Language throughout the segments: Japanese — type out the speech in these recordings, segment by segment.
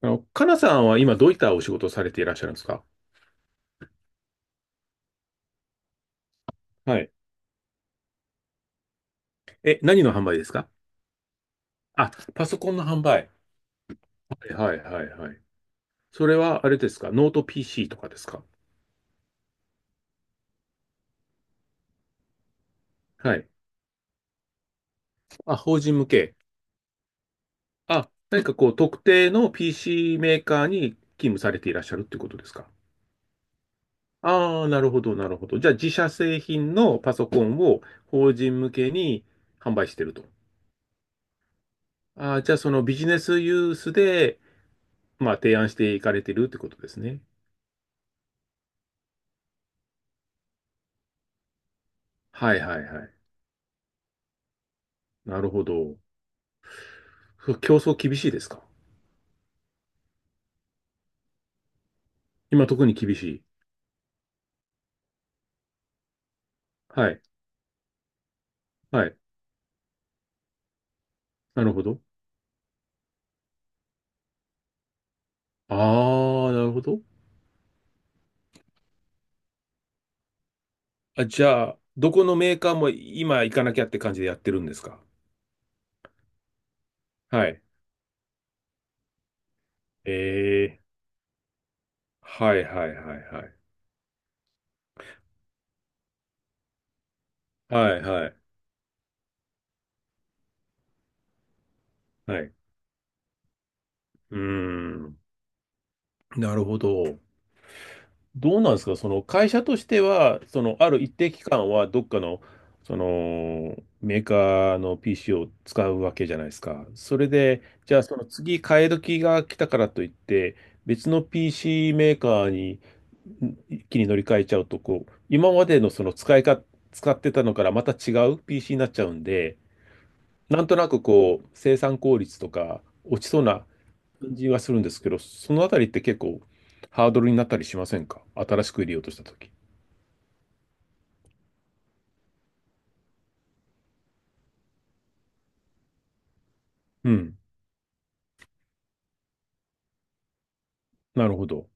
かなさんは今どういったお仕事をされていらっしゃるんですか？はい。え、何の販売ですか？あ、パソコンの販売。はいはいはいはい。それはあれですかノート PC とかですか？はい。あ、法人向け。あ、何かこう特定の PC メーカーに勤務されていらっしゃるっていうことですか？ああー、なるほどなるほど。じゃあ自社製品のパソコンを法人向けに販売してると。ああ、じゃあそのビジネスユースで、まあ提案していかれてるってことですね。はいはいはい。なるほど。競争厳しいですか？今特に厳しい。はい。はい。なるほど。ああ、なるほど。あ、じゃあ、どこのメーカーも今行かなきゃって感じでやってるんですか？はい。ええはいはいはいはい。はいはい。はい。うーん。なるほど。どうなんですか、その会社としては、そのある一定期間はどっかの、そのメーカーの PC を使うわけじゃないですか。それで、じゃあその次替え時が来たからといって、別の PC メーカーに一気に乗り換えちゃうと、こう、今までのその使いか、使ってたのからまた違う PC になっちゃうんで、なんとなくこう、生産効率とか落ちそうな感じはするんですけど、そのあたりって結構ハードルになったりしませんか、新しく入れようとしたとき。うん。なるほど。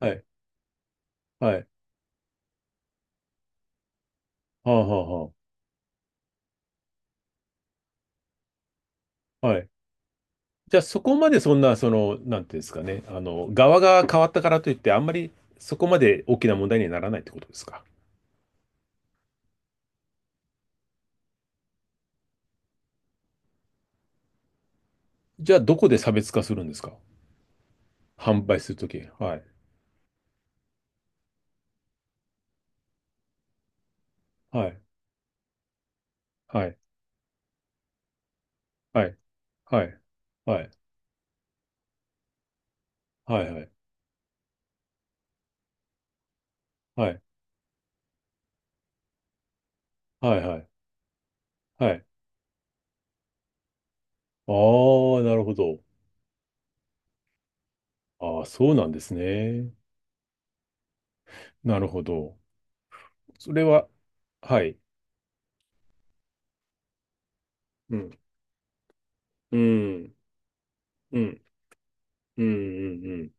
はい。はい。はあ、はあ、はあ。はい。じゃあそこまでそんな、その、なんていうんですかね、あの、側が変わったからといって、あんまりそこまで大きな問題にはならないってことですか？じゃあどこで差別化するんですか？販売するとき。はい。はい。はい。はい。はい。はい。はい。はい。はい。はい。はい。はい。ああ、なるほど。ああ、そうなんですね。なるほど。それは、はい。うん、うん、うん、うん、うん、うん、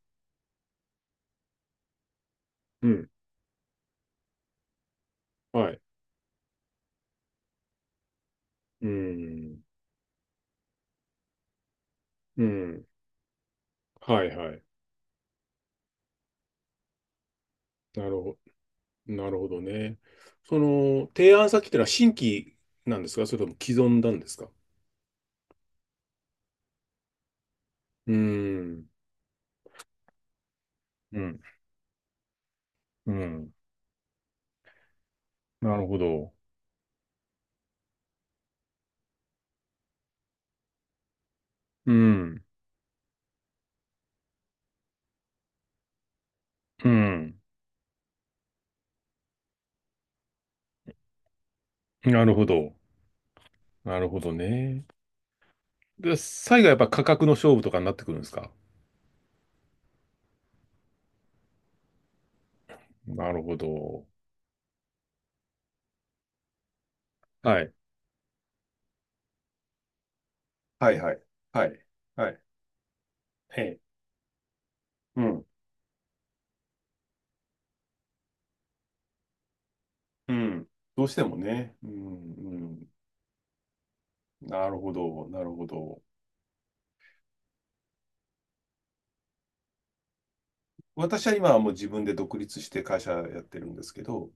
うんはい、うん、うん、はい、はい。なるほど、なるほどね。その、提案先ってのは新規なんですかそれとも既存なんですか？うん、うん、うん。なるほど。うん、うん。なるほど。なるほどね。で、最後はやっぱ価格の勝負とかになってくるんですか？なるほど。はい。はいはい。はい。はい。ええ。うんうん。どうしてもね。うん、うん。なるほど、なるほど。私は今はもう自分で独立して会社やってるんですけど、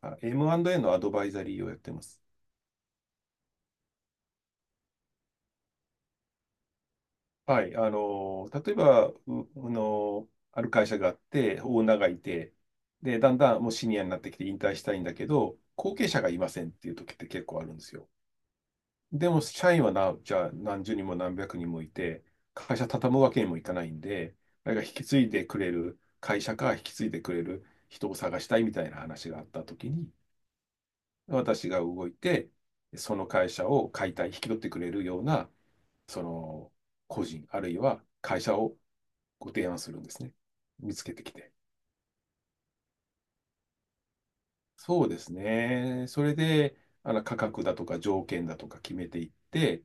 あ、 M&A のアドバイザリーをやってます。はい。例えば、う、あの、ある会社があって、オーナーがいて、で、だんだんもうシニアになってきて引退したいんだけど、後継者がいませんっていう時って結構あるんですよ。でも、社員はな、じゃあ何十人も何百人もいて、会社畳むわけにもいかないんで、あれが引き継いでくれる会社か引き継いでくれる人を探したいみたいな話があったときに、私が動いて、その会社を解体、引き取ってくれるような、その個人、あるいは会社をご提案するんですね。見つけてきて。そうですね。それで、あの価格だとか条件だとか決めていって、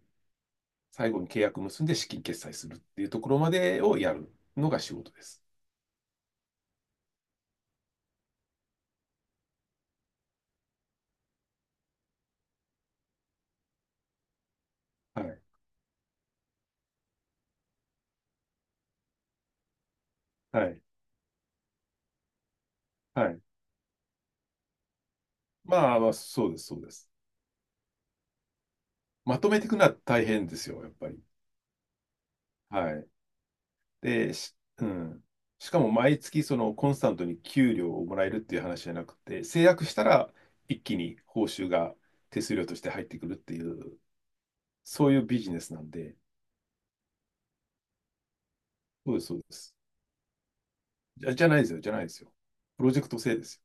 最後に契約結んで資金決済するっていうところまでをやるのが仕事です。はい。はい。はい。まあ、まあ、そうです、そうです。まとめていくのは大変ですよ、やっぱり。はい。で、うん。しかも毎月そのコンスタントに給料をもらえるっていう話じゃなくて、制約したら一気に報酬が手数料として入ってくるっていう、そういうビジネスなんで、そうです、そうです。じゃないですよ、じゃないですよ。プロジェクト制ですよ。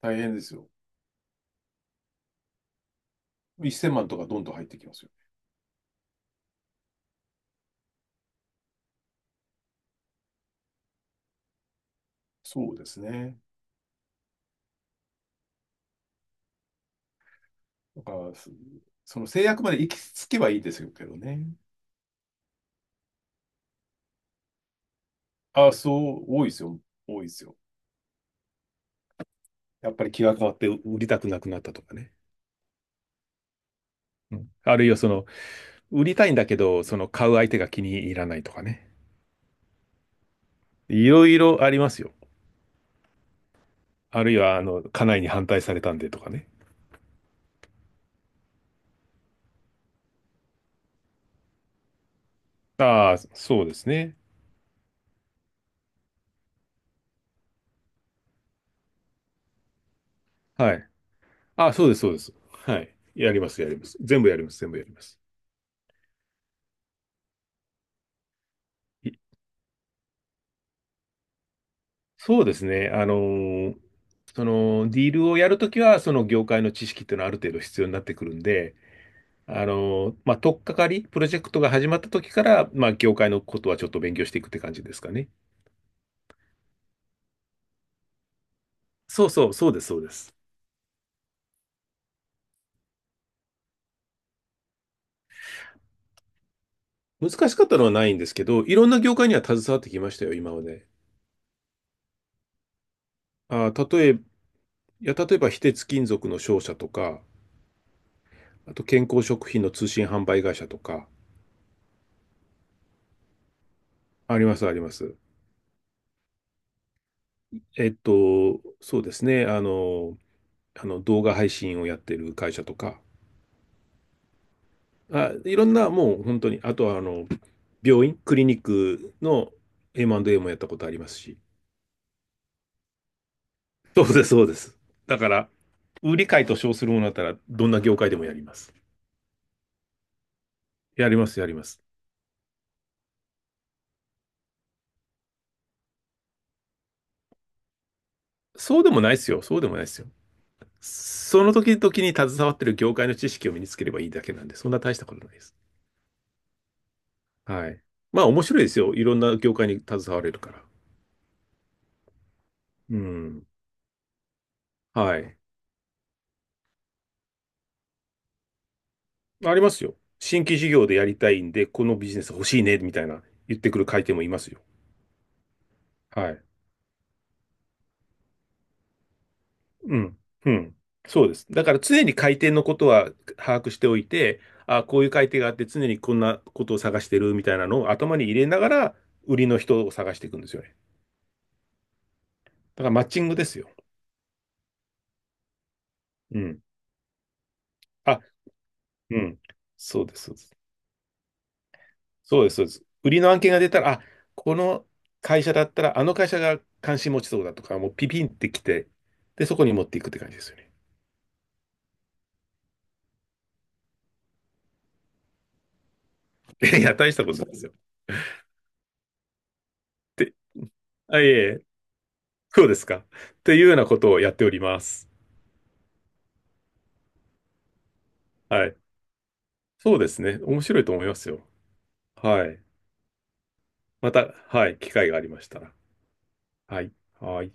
大変ですよ。1000万とかどんどん入ってきますよ。そうですね。だから、その制約まで行き着けばいいですけどね。ああ、そう、多いですよ。多いですよ。やっぱり気が変わって売りたくなくなったとかね。うん、あるいはその、売りたいんだけど、その買う相手が気に入らないとかね。いろいろありますよ。あるいは、家内に反対されたんでとかね。ああ、そうですね。はい。ああ、そうです、そうです。はい。やります、やります。全部やります、全部やります。そうですね。そのディールをやるときは、その業界の知識っていうのはある程度必要になってくるんで、まあ、取っかかり、プロジェクトが始まったときから、まあ、業界のことはちょっと勉強していくって感じですかね。そうそう、そうです、そうです。難しかったのはないんですけど、いろんな業界には携わってきましたよ、今まで。あー、いや、例えば、非鉄金属の商社とか、あと健康食品の通信販売会社とか、あります、あります。そうですね。動画配信をやってる会社とか、あ、いろんなもう本当に、あとは病院、クリニックの M&A もやったことありますし、そうです、そうです。だから、売り買いと称するものだったら、どんな業界でもやります。やります、やります。そうでもないですよ、そうでもないですよ。その時々に携わってる業界の知識を身につければいいだけなんで、そんな大したことないです。はい。まあ面白いですよ。いろんな業界に携われるから。うん。はい。ありますよ。新規事業でやりたいんで、このビジネス欲しいね、みたいな言ってくる回転もいますよ。はい。うん。うん。そうです。だから常に回転のことは把握しておいて、あ、こういう回転があって常にこんなことを探してるみたいなのを頭に入れながら、売りの人を探していくんですよね。だからマッチングですよ。うん。あ、うん。そうです、そうです。そうです、そうです。売りの案件が出たら、あ、この会社だったら、あの会社が関心持ちそうだとか、もうピピンってきて、で、そこに持っていくって感じですよね。いや、大したことないですよ。ってあ、いえいえ、そうですか。っていうようなことをやっております。はい。そうですね。面白いと思いますよ。はい。また、はい。機会がありましたら。はい。はい。